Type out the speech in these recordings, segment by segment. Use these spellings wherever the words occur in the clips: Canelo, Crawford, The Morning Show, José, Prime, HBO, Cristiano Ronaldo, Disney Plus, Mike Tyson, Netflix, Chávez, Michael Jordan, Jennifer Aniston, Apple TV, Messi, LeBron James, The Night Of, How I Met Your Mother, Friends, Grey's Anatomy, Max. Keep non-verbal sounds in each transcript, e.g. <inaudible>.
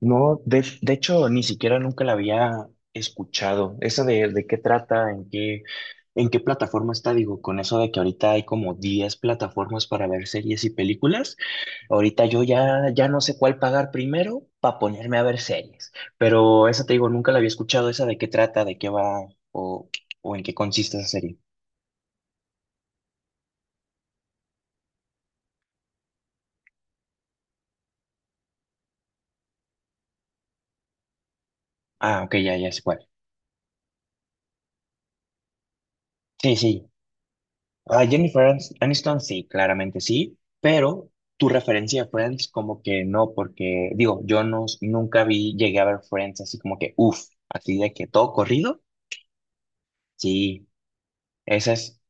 No, de hecho, ni siquiera nunca la había escuchado. Esa de qué trata, en qué plataforma está, digo, con eso de que ahorita hay como 10 plataformas para ver series y películas. Ahorita yo ya no sé cuál pagar primero para ponerme a ver series. Pero esa te digo, nunca la había escuchado. Esa de qué trata, de qué va o, o en qué consiste esa serie. Ah, ok, ya sé cuál. Sí, sí. Ah, Aniston, sí, claramente sí, pero tu referencia de Friends como que no, porque digo, yo no, nunca vi, llegué a ver Friends así como que, uff, así de que todo corrido, sí, esa es.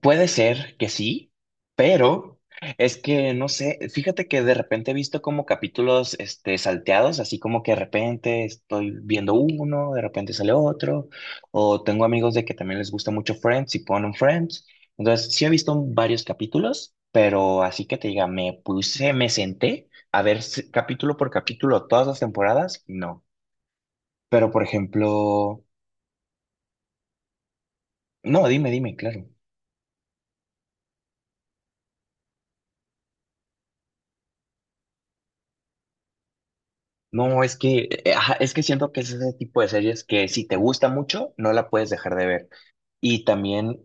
Puede ser que sí, pero es que no sé, fíjate que de repente he visto como capítulos salteados, así como que de repente estoy viendo uno, de repente sale otro, o tengo amigos de que también les gusta mucho Friends y ponen Friends. Entonces, sí he visto varios capítulos, pero así que te diga, me puse, me senté a ver capítulo por capítulo todas las temporadas, no. Pero por ejemplo, no, dime, claro. No, es que, ajá, es que siento que es ese tipo de series que si te gusta mucho, no la puedes dejar de ver. Y también,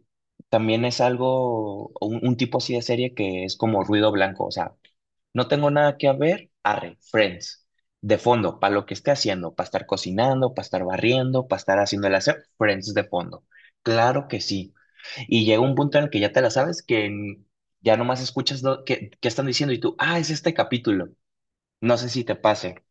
también es algo, un tipo así de serie que es como ruido blanco. O sea, no tengo nada que ver, arre, Friends. De fondo, para lo que esté haciendo, para estar cocinando, para estar barriendo, para estar haciendo el hacer, Friends de fondo. Claro que sí. Y llega un punto en el que ya te la sabes ya nomás escuchas que están diciendo y tú, ah, es este capítulo. No sé si te pase.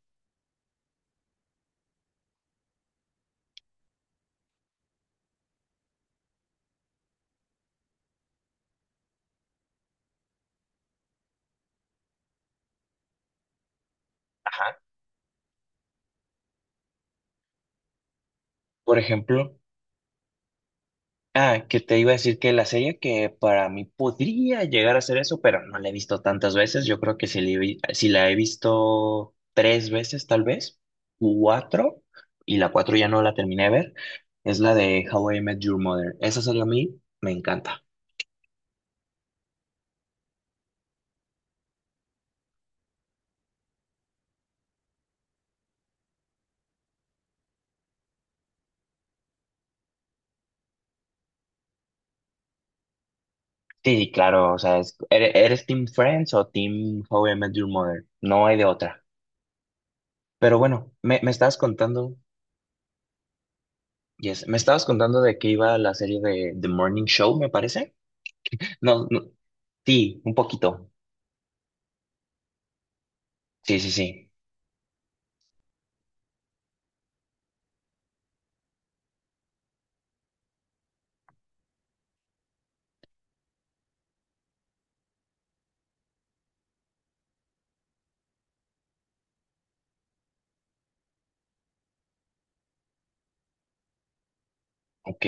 Ajá. Por ejemplo. Ah, que te iba a decir que la serie que para mí podría llegar a ser eso, pero no la he visto tantas veces. Yo creo que si, si la he visto tres veces, tal vez, cuatro, y la cuatro ya no la terminé de ver, es la de How I Met Your Mother. Esa serie a mí me encanta. Sí, claro, o sea, ¿eres Team Friends o Team How I Met Your Mother? No hay de otra. Pero bueno, me estabas contando, yes, me estabas contando de que iba la serie de The Morning Show, me parece. No, no, sí, un poquito. Sí, sí, sí. Ok,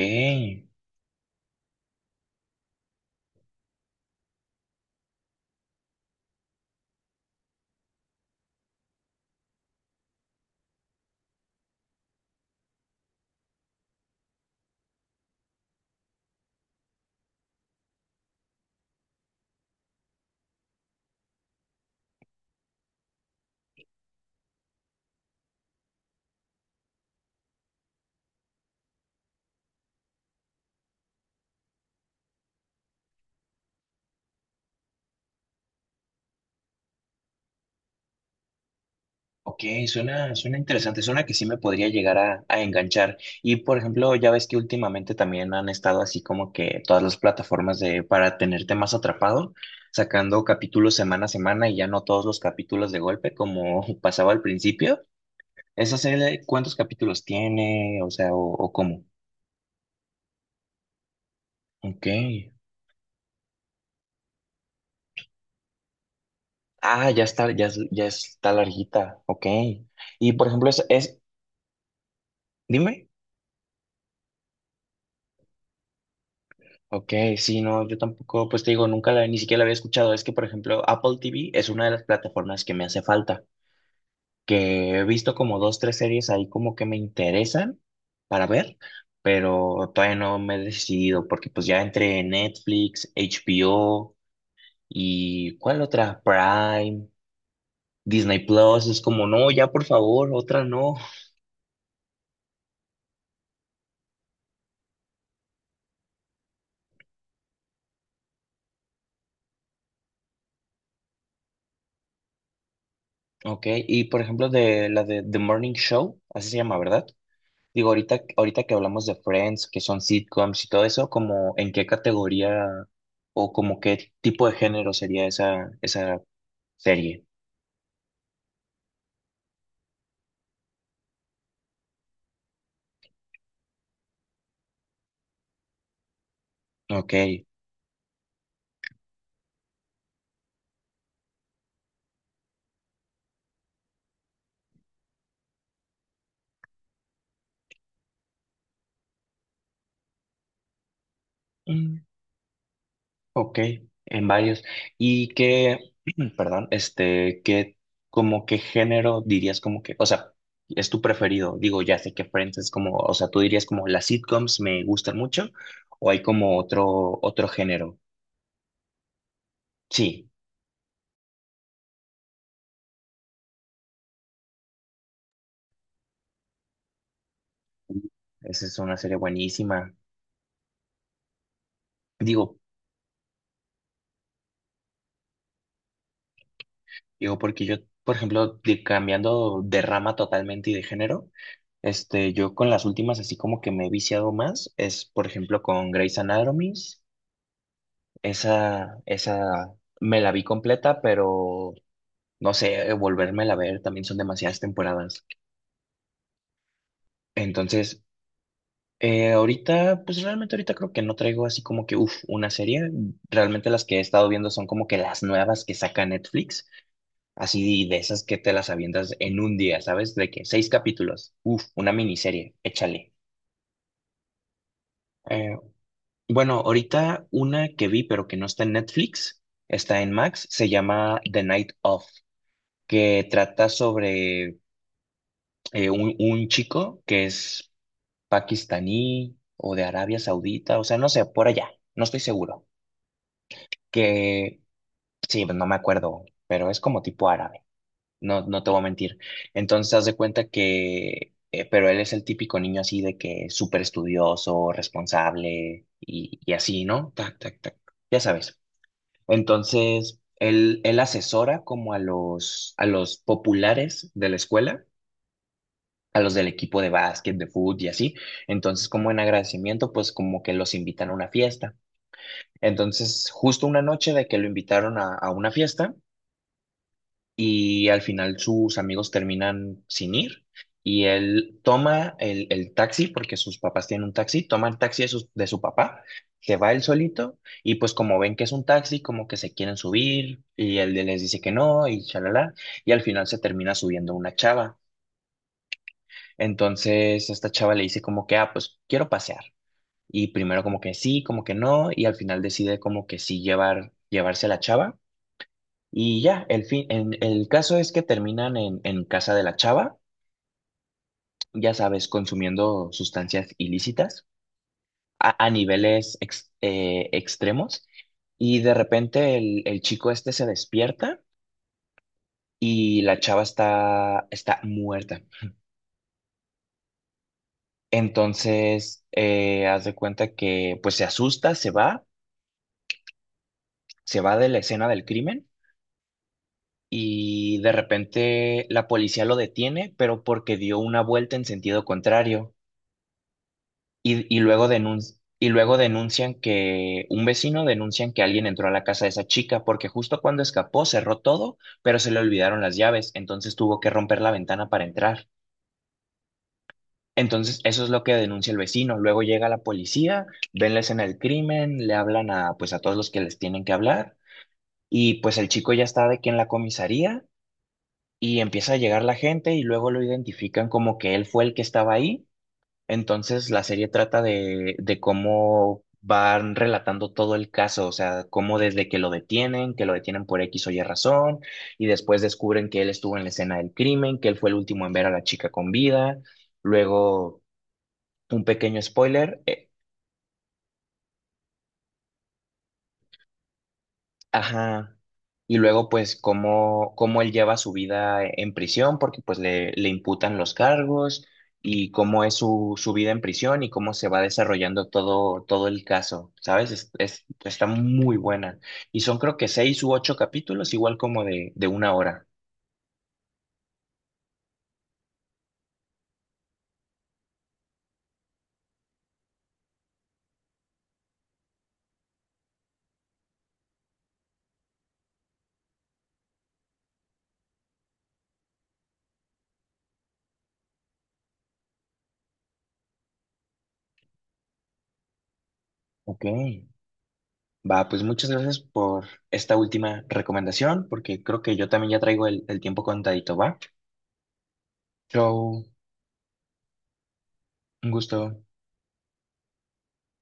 ok, suena, suena interesante, suena que sí me podría llegar a enganchar. Y por ejemplo, ya ves que últimamente también han estado así como que todas las plataformas de para tenerte más atrapado, sacando capítulos semana a semana y ya no todos los capítulos de golpe como <laughs> pasaba al principio. ¿Esa serie cuántos capítulos tiene? O sea, o cómo. Ok. Ah, ya está, ya, ya está larguita. Ok. Y por ejemplo, es, dime. Ok, sí, no, yo tampoco, pues te digo, nunca la, ni siquiera la había escuchado. Es que, por ejemplo, Apple TV es una de las plataformas que me hace falta, que he visto como dos, tres series ahí como que me interesan para ver, pero todavía no me he decidido porque pues ya entre Netflix, HBO y ¿cuál otra? Prime, Disney Plus, es como, no, ya por favor, otra no. Ok, y por ejemplo de la de The Morning Show, así se llama, ¿verdad? Digo, ahorita que hablamos de Friends, que son sitcoms y todo eso, como en qué categoría o como qué tipo de género sería esa, esa serie. Ok. Mm, ok, en varios. ¿Y qué, <clears throat> perdón, este, qué, como qué género dirías como que, o sea, es tu preferido? Digo, ya sé que Friends es como, o sea, tú dirías como las sitcoms me gustan mucho, o hay como otro, otro género. Sí, esa es una serie buenísima. Digo, digo, porque yo, por ejemplo, cambiando de rama totalmente y de género, este, yo con las últimas así como que me he viciado más, es por ejemplo con Grey's Anatomy, esa me la vi completa, pero no sé, volvérmela a ver, también son demasiadas temporadas. Entonces, ahorita, pues realmente ahorita creo que no traigo así como que, uff, una serie, realmente las que he estado viendo son como que las nuevas que saca Netflix. Así de esas que te las avientas en un día, ¿sabes? De que seis capítulos. Uf, una miniserie, échale. Eh, bueno, ahorita una que vi, pero que no está en Netflix, está en Max, se llama The Night Of, que trata sobre un chico que es pakistaní o de Arabia Saudita, o sea, no sé, por allá, no estoy seguro. Que sí, no me acuerdo, pero es como tipo árabe. No, no te voy a mentir. Entonces, haz de cuenta que, pero él es el típico niño así de que súper estudioso, responsable y así, ¿no? Tac, tac, tac. Ya sabes. Entonces, él asesora como a los populares de la escuela, a los del equipo de básquet, de fútbol y así. Entonces, como en agradecimiento, pues como que los invitan a una fiesta. Entonces, justo una noche de que lo invitaron a una fiesta. Y al final sus amigos terminan sin ir y él toma el taxi, porque sus papás tienen un taxi, toma el taxi de su papá, se va él solito y pues como ven que es un taxi, como que se quieren subir y él les dice que no y chalala y al final se termina subiendo una chava. Entonces esta chava le dice como que, ah, pues quiero pasear. Y primero como que sí, como que no, y al final decide como que sí llevarse a la chava. Y ya, el fin, en, el caso es que terminan en casa de la chava, ya sabes, consumiendo sustancias ilícitas a niveles extremos. Y de repente el chico este se despierta y la chava está, está muerta. Entonces, haz de cuenta que pues se asusta, se va de la escena del crimen y de repente la policía lo detiene, pero porque dio una vuelta en sentido contrario. Y luego y luego denuncian que un vecino denuncian que alguien entró a la casa de esa chica porque justo cuando escapó cerró todo, pero se le olvidaron las llaves, entonces tuvo que romper la ventana para entrar. Entonces, eso es lo que denuncia el vecino. Luego llega la policía, ven la escena del crimen, le hablan a pues a todos los que les tienen que hablar y pues el chico ya está de que en la comisaría y empieza a llegar la gente y luego lo identifican como que él fue el que estaba ahí. Entonces, la serie trata de cómo van relatando todo el caso, o sea, cómo desde que lo detienen por X o Y razón, y después descubren que él estuvo en la escena del crimen, que él fue el último en ver a la chica con vida. Luego, un pequeño spoiler, eh. Ajá. Y luego, pues, cómo, cómo él lleva su vida en prisión, porque pues le imputan los cargos y cómo es su, su vida en prisión y cómo se va desarrollando todo, todo el caso, ¿sabes? Es, está muy buena. Y son creo que seis u ocho capítulos, igual como de una hora. Ok. Va, pues muchas gracias por esta última recomendación, porque creo que yo también ya traigo el tiempo contadito, ¿va? Chau, un gusto.